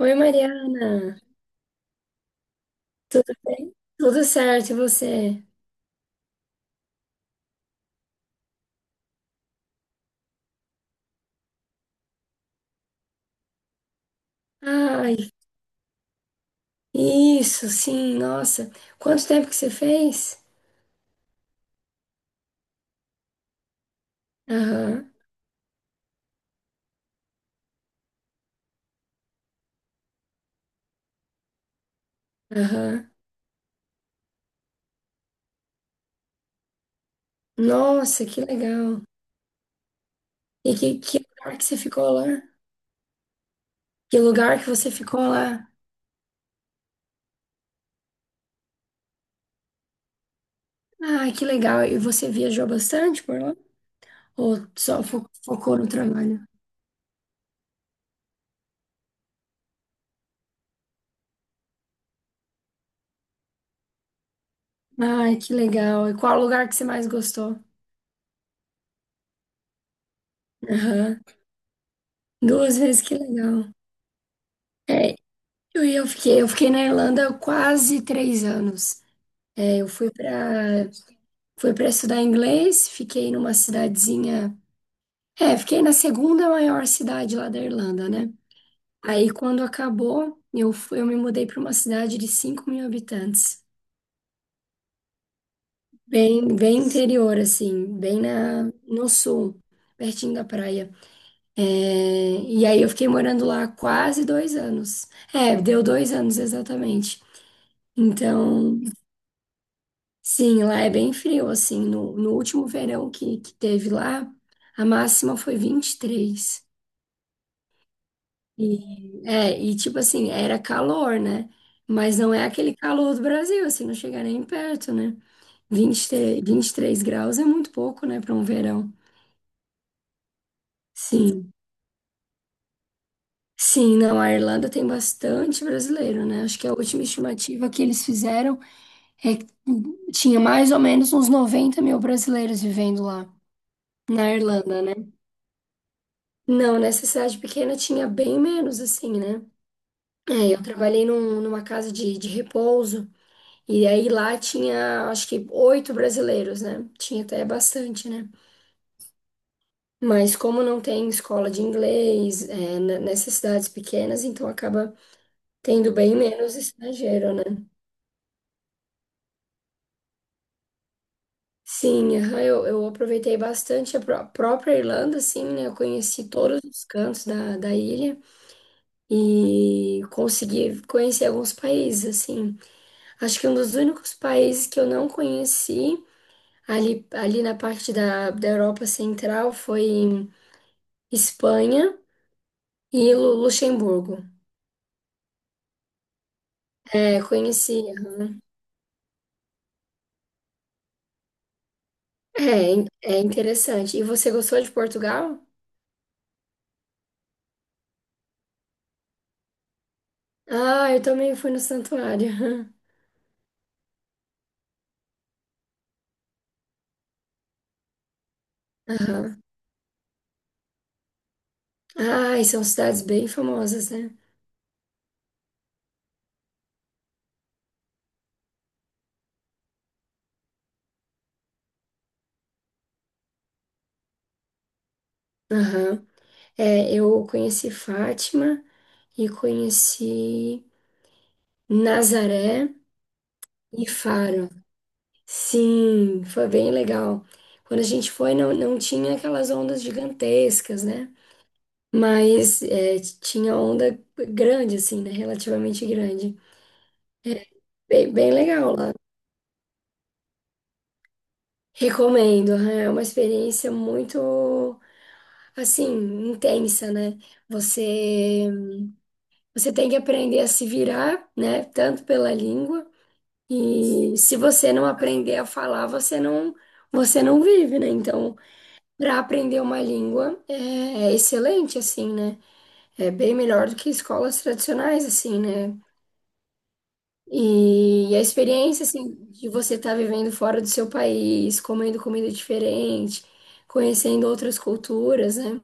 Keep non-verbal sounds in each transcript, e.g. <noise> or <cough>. Oi, Mariana. Tudo bem? Tudo certo, e você? Ai, isso, sim, nossa. Quanto tempo que você fez? Aham, aham. Nossa, que legal. E que lugar que você ficou lá? Que lugar que você ficou lá? Ai, que legal. E você viajou bastante por lá? Ou só focou no trabalho? Ai, que legal. E qual lugar que você mais gostou? Aham. Duas vezes, que legal. É, eu fiquei na Irlanda quase 3 anos. É, eu fui para estudar inglês, fiquei numa cidadezinha. É, fiquei na segunda maior cidade lá da Irlanda, né? Aí quando acabou, eu me mudei para uma cidade de 5 mil habitantes, bem, bem interior, assim, bem no sul, pertinho da praia. É, e aí eu fiquei morando lá quase 2 anos. É, deu 2 anos exatamente. Então. Sim, lá é bem frio, assim, no último verão que teve lá, a máxima foi 23 E tipo assim, era calor, né? Mas não é aquele calor do Brasil, assim, não chega nem perto, né? 23, 23 graus é muito pouco, né, para um verão. Sim. Sim, não, a Irlanda tem bastante brasileiro, né? Acho que a última estimativa que eles fizeram é que tinha mais ou menos uns 90 mil brasileiros vivendo lá, na Irlanda, né? Não, nessa cidade pequena tinha bem menos, assim, né? É, eu trabalhei numa casa de repouso, e aí lá tinha, acho que, 8 brasileiros, né? Tinha até bastante, né? Mas como não tem escola de inglês, nessas cidades pequenas, então acaba tendo bem menos estrangeiro, né? Sim, aham, eu aproveitei bastante a própria Irlanda, assim, né? Eu conheci todos os cantos da ilha e consegui conhecer alguns países, assim. Acho que um dos únicos países que eu não conheci ali na parte da Europa Central foi Espanha e Luxemburgo. É, conheci. É, é interessante. E você gostou de Portugal? Ah, eu também fui no santuário. <laughs> Aham. Ah, e são cidades bem famosas, né? Aham. É, eu conheci Fátima e conheci Nazaré e Faro. Sim, foi bem legal. Quando a gente foi, não, não tinha aquelas ondas gigantescas, né? Mas tinha onda grande, assim, né? Relativamente grande. Bem, bem legal lá. Recomendo, é uma experiência muito, assim, intensa, né? Você, você tem que aprender a se virar, né? Tanto pela língua, e se você não aprender a falar, você não vive, né? Então. Para aprender uma língua é excelente, assim, né? É bem melhor do que escolas tradicionais, assim, né? E a experiência, assim, de você estar vivendo fora do seu país, comendo comida diferente, conhecendo outras culturas, né?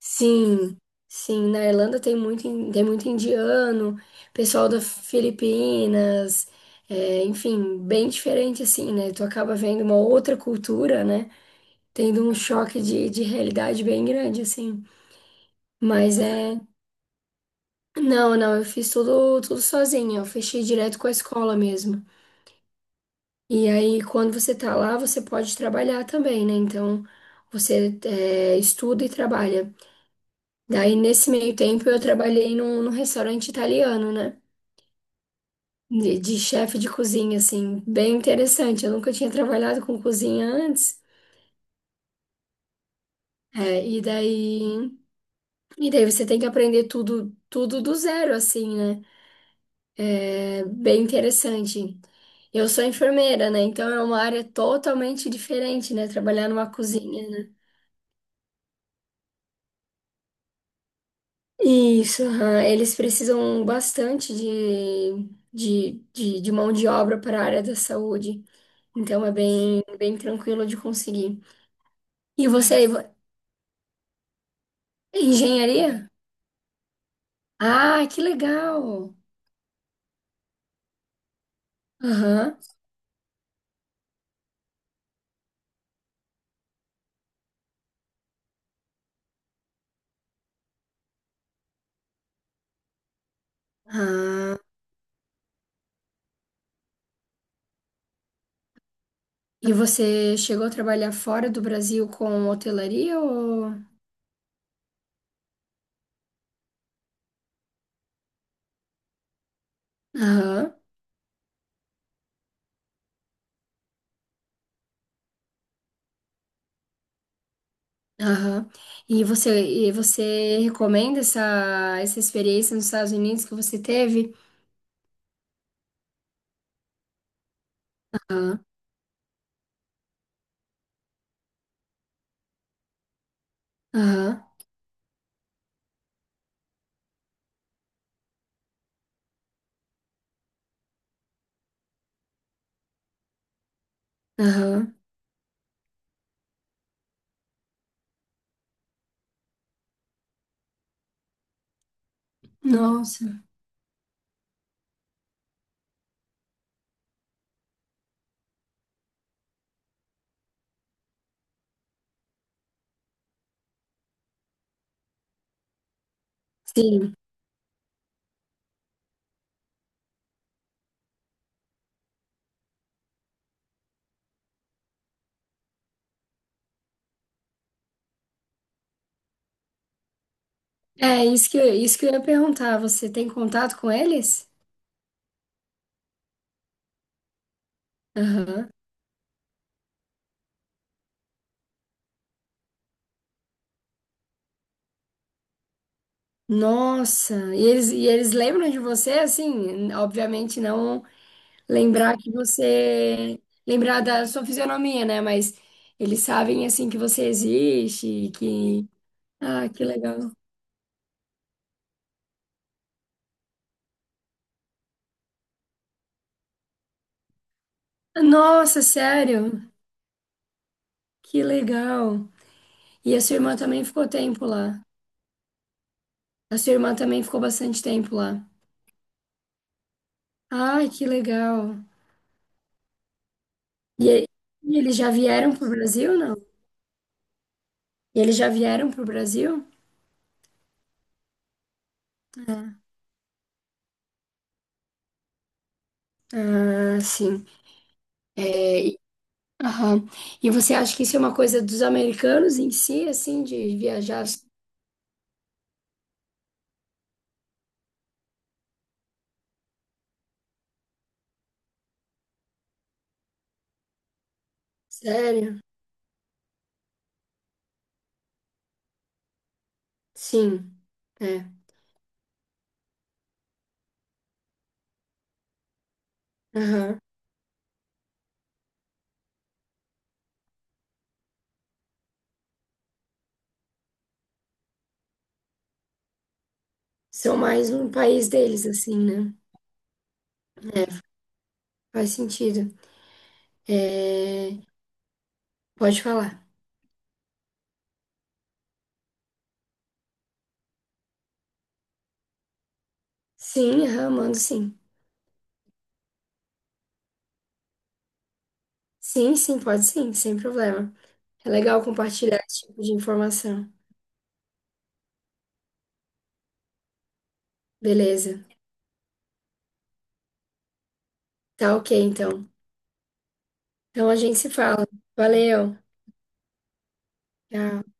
Sim, sim, na Irlanda tem muito indiano, pessoal da Filipinas, enfim, bem diferente, assim, né? Tu acaba vendo uma outra cultura, né? Tendo um choque de realidade bem grande, assim. Mas é. Não, não, eu fiz tudo, tudo sozinha. Eu fechei direto com a escola mesmo. E aí, quando você tá lá, você pode trabalhar também, né? Então, você estuda e trabalha. Daí, nesse meio tempo, eu trabalhei num restaurante italiano, né? De chefe de cozinha, assim. Bem interessante. Eu nunca tinha trabalhado com cozinha antes. É, e daí. E daí, você tem que aprender tudo, tudo do zero, assim, né? É bem interessante. Eu sou enfermeira, né? Então é uma área totalmente diferente, né? Trabalhar numa cozinha, né? Isso, aham. Eles precisam bastante de mão de obra para a área da saúde. Então é bem, bem tranquilo de conseguir. E você, engenharia? Ah, que legal! Aham. Ah. E você chegou a trabalhar fora do Brasil com hotelaria ou... Aham. Aham. E você, e você recomenda essa experiência nos Estados Unidos que você teve? Aham, aham, aham. Nossa, sim. É isso que eu ia perguntar. Você tem contato com eles? Aham. Nossa, e eles lembram de você, assim, obviamente não lembrar da sua fisionomia, né? Mas eles sabem, assim, que você existe, que... Ah, que legal. Nossa, sério? Que legal. E a sua irmã também ficou tempo lá. A sua irmã também ficou bastante tempo lá. Ai, que legal. E, e eles já vieram pro Brasil, não? E eles já vieram pro Brasil? Ah, ah, sim. É, aham. E você acha que isso é uma coisa dos americanos em si, assim, de viajar? Sério? Sim. É. Aham. São mais um país deles, assim, né? É, faz sentido. É, pode falar. Sim, aham, mando sim. Sim, sim, pode sim, sem problema. É legal compartilhar esse tipo de informação. Beleza. Tá ok, então. Então a gente se fala. Valeu. Tchau.